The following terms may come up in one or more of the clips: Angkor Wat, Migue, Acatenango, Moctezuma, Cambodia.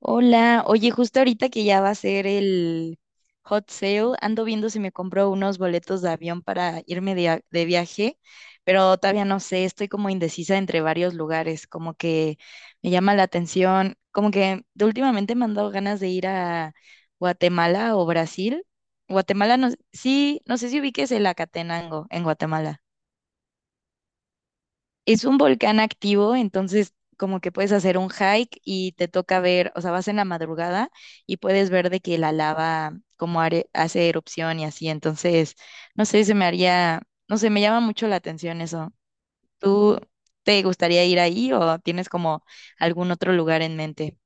Hola, oye, justo ahorita que ya va a ser el hot sale, ando viendo si me compro unos boletos de avión para irme de viaje, pero todavía no sé, estoy como indecisa entre varios lugares, como que me llama la atención, como que de últimamente me han dado ganas de ir a Guatemala o Brasil. Guatemala, no, sí, no sé si ubiques el Acatenango en Guatemala. Es un volcán activo, entonces como que puedes hacer un hike y te toca ver, o sea, vas en la madrugada y puedes ver de que la lava hace erupción y así. Entonces, no sé, se me haría, no sé, me llama mucho la atención eso. ¿Tú te gustaría ir ahí o tienes como algún otro lugar en mente?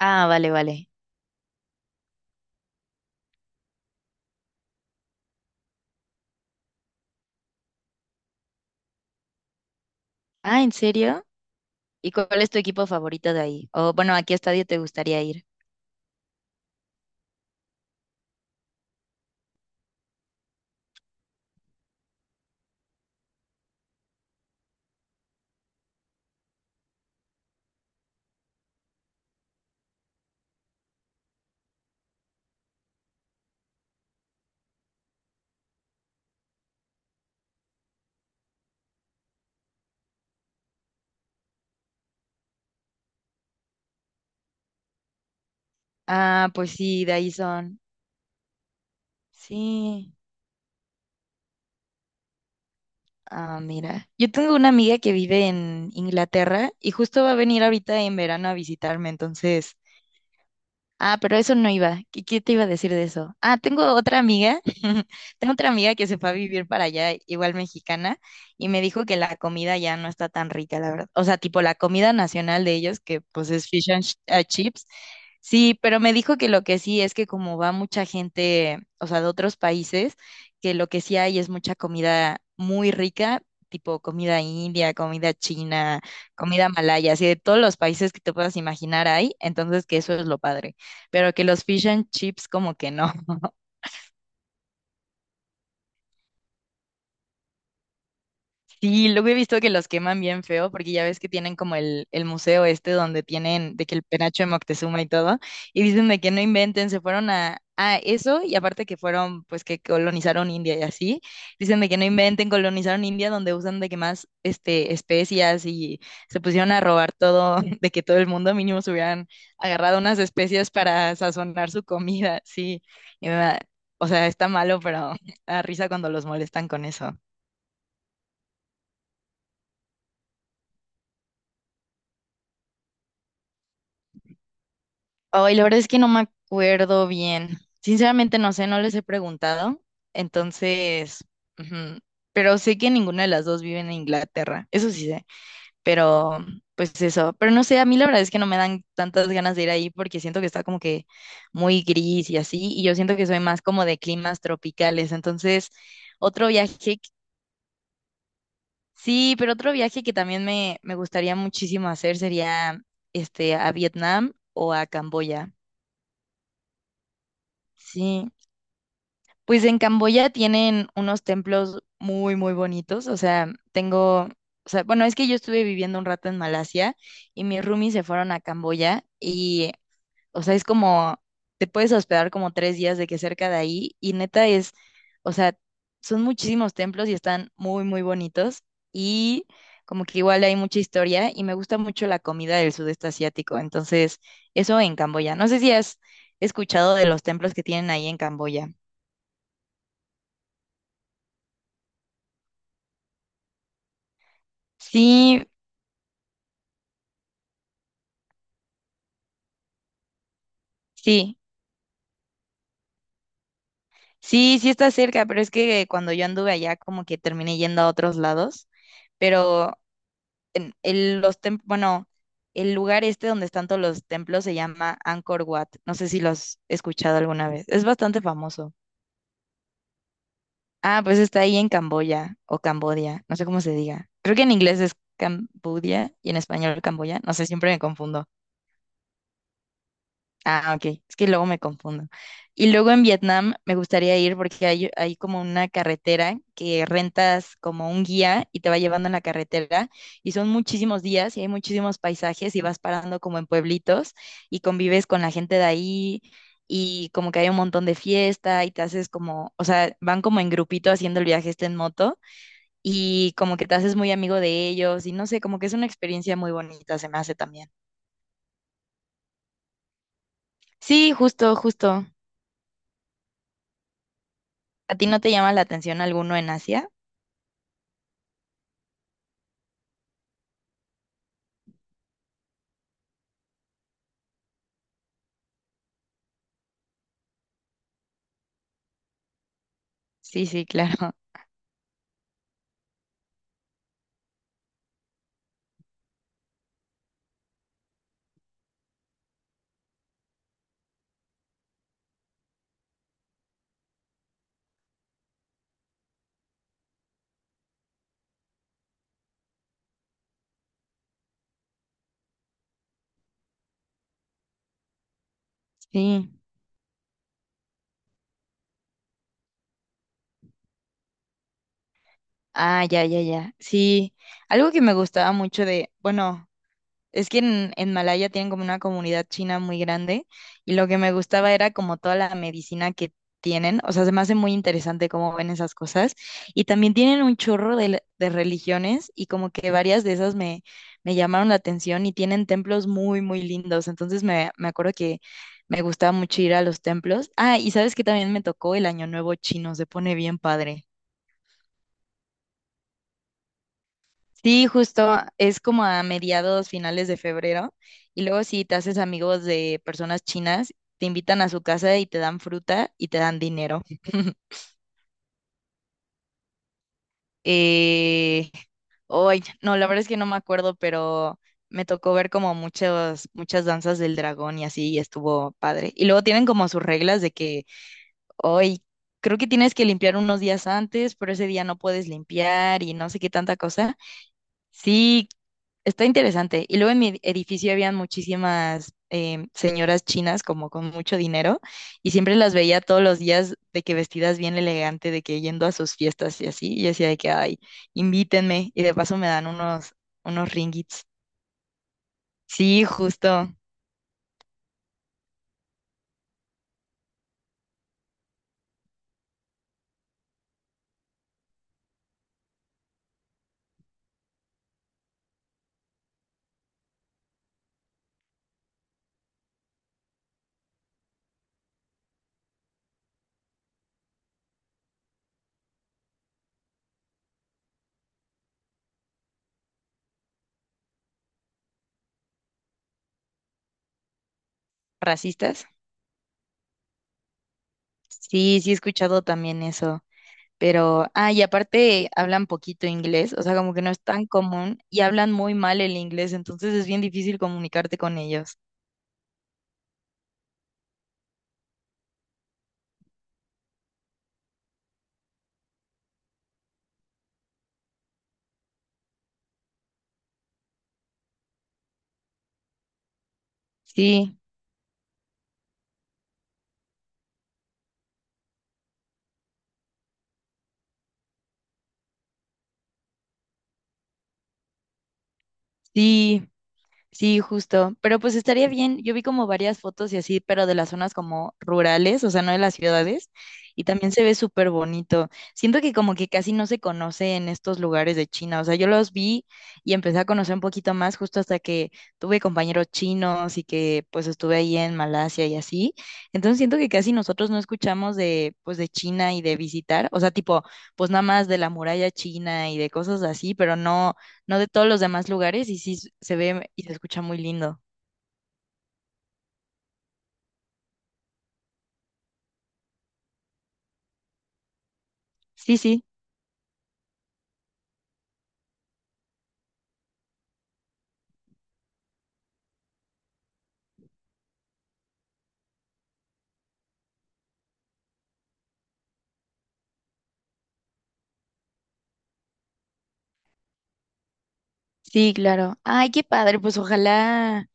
Ah, vale, vale. Ah, ¿en serio? ¿Y cuál es tu equipo favorito de ahí? O bueno, ¿a qué estadio te gustaría ir? Ah, pues sí, de ahí son. Sí, ah, mira. Yo tengo una amiga que vive en Inglaterra y justo va a venir ahorita en verano a visitarme, entonces ah, pero eso no iba. ¿Qué, qué te iba a decir de eso? Ah, tengo otra amiga. Tengo otra amiga que se fue a vivir para allá, igual mexicana, y me dijo que la comida ya no está tan rica, la verdad. O sea, tipo la comida nacional de ellos, que pues es fish and chips. Sí, pero me dijo que lo que sí es que como va mucha gente, o sea, de otros países, que lo que sí hay es mucha comida muy rica, tipo comida india, comida china, comida malaya, así de todos los países que te puedas imaginar hay, entonces que eso es lo padre, pero que los fish and chips como que no. Sí, luego he visto que los queman bien feo, porque ya ves que tienen como el museo este donde tienen de que el penacho de Moctezuma y todo, y dicen de que no inventen, se fueron a eso, y aparte que fueron, pues que colonizaron India y así, dicen de que no inventen, colonizaron India donde usan de que más este, especias, y se pusieron a robar todo, de que todo el mundo mínimo se hubieran agarrado unas especias para sazonar su comida, sí, y me da- o sea, está malo, pero da risa cuando los molestan con eso. Ay, la verdad es que no me acuerdo bien. Sinceramente no sé, no les he preguntado. Entonces, ujú, pero sé que ninguna de las dos vive en Inglaterra, eso sí sé, pero pues eso, pero no sé, a mí la verdad es que no me dan tantas ganas de ir ahí porque siento que está como que muy gris y así, y yo siento que soy más como de climas tropicales. Entonces, otro viaje, que- sí, pero otro viaje que también me gustaría muchísimo hacer sería este a Vietnam o a Camboya. Sí. Pues en Camboya tienen unos templos muy, muy bonitos. O sea, tengo, o sea, bueno, es que yo estuve viviendo un rato en Malasia y mis roomies se fueron a Camboya y, o sea, es como, te puedes hospedar como tres días de que cerca de ahí y neta es, o sea, son muchísimos templos y están muy, muy bonitos y como que igual hay mucha historia y me gusta mucho la comida del sudeste asiático. Entonces, eso en Camboya. No sé si has escuchado de los templos que tienen ahí en Camboya. Sí, sí, sí, sí está cerca, pero es que cuando yo anduve allá como que terminé yendo a otros lados, pero bueno, el lugar este donde están todos los templos se llama Angkor Wat. No sé si lo has escuchado alguna vez. Es bastante famoso. Ah, pues está ahí en Camboya o Cambodia, no sé cómo se diga. Creo que en inglés es Cambodia y en español Camboya, no sé, siempre me confundo. Ah, ok, es que luego me confundo. Y luego en Vietnam me gustaría ir porque hay como una carretera que rentas como un guía y te va llevando en la carretera, y son muchísimos días y hay muchísimos paisajes y vas parando como en pueblitos y convives con la gente de ahí, y como que hay un montón de fiesta y te haces como, o sea, van como en grupito haciendo el viaje este en moto y como que te haces muy amigo de ellos y no sé, como que es una experiencia muy bonita, se me hace también. Sí, justo, justo. ¿A ti no te llama la atención alguno en Asia? Sí, sí, claro. Sí. Ah, ya, ya, ya. Sí. Algo que me gustaba mucho de, bueno. Es que en Malaya tienen como una comunidad china muy grande y lo que me gustaba era como toda la medicina que tienen, o sea, se me hace muy interesante cómo ven esas cosas, y también tienen un chorro de religiones y como que varias de esas me, me llamaron la atención y tienen templos muy, muy lindos, entonces me acuerdo que me gustaba mucho ir a los templos. Ah, y sabes que también me tocó el Año Nuevo chino, se pone bien padre. Sí, justo es como a mediados, finales de febrero. Y luego si te haces amigos de personas chinas, te invitan a su casa y te dan fruta y te dan dinero. Eh, no, la verdad es que no me acuerdo, pero me tocó ver como muchas, muchas danzas del dragón y así, y estuvo padre. Y luego tienen como sus reglas de que hoy creo que tienes que limpiar unos días antes, pero ese día no puedes limpiar y no sé qué tanta cosa. Sí, está interesante. Y luego en mi edificio habían muchísimas señoras chinas como con mucho dinero y siempre las veía todos los días de que vestidas bien elegante, de que yendo a sus fiestas y así. Y yo decía de que, ay, invítenme y de paso me dan unos, unos ringgits. Sí, justo. ¿Racistas? Sí, sí he escuchado también eso. Pero, ah, y aparte hablan poquito inglés, o sea, como que no es tan común y hablan muy mal el inglés, entonces es bien difícil comunicarte con ellos. Sí, sí. Sí, justo. Pero pues estaría bien. Yo vi como varias fotos y así, pero de las zonas como rurales, o sea, no de las ciudades. Y también se ve súper bonito. Siento que como que casi no se conoce en estos lugares de China. O sea, yo los vi y empecé a conocer un poquito más justo hasta que tuve compañeros chinos y que pues estuve ahí en Malasia y así. Entonces siento que casi nosotros no escuchamos de pues de China y de visitar. O sea, tipo, pues nada más de la muralla china y de cosas así, pero no de todos los demás lugares y sí se ve y se escucha muy lindo. Sí, sí, sí, claro. Ay, qué padre, pues ojalá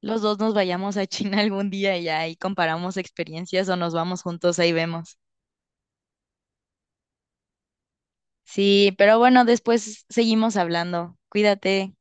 los dos nos vayamos a China algún día y ahí comparamos experiencias o nos vamos juntos, ahí vemos. Sí, pero bueno, después seguimos hablando. Cuídate.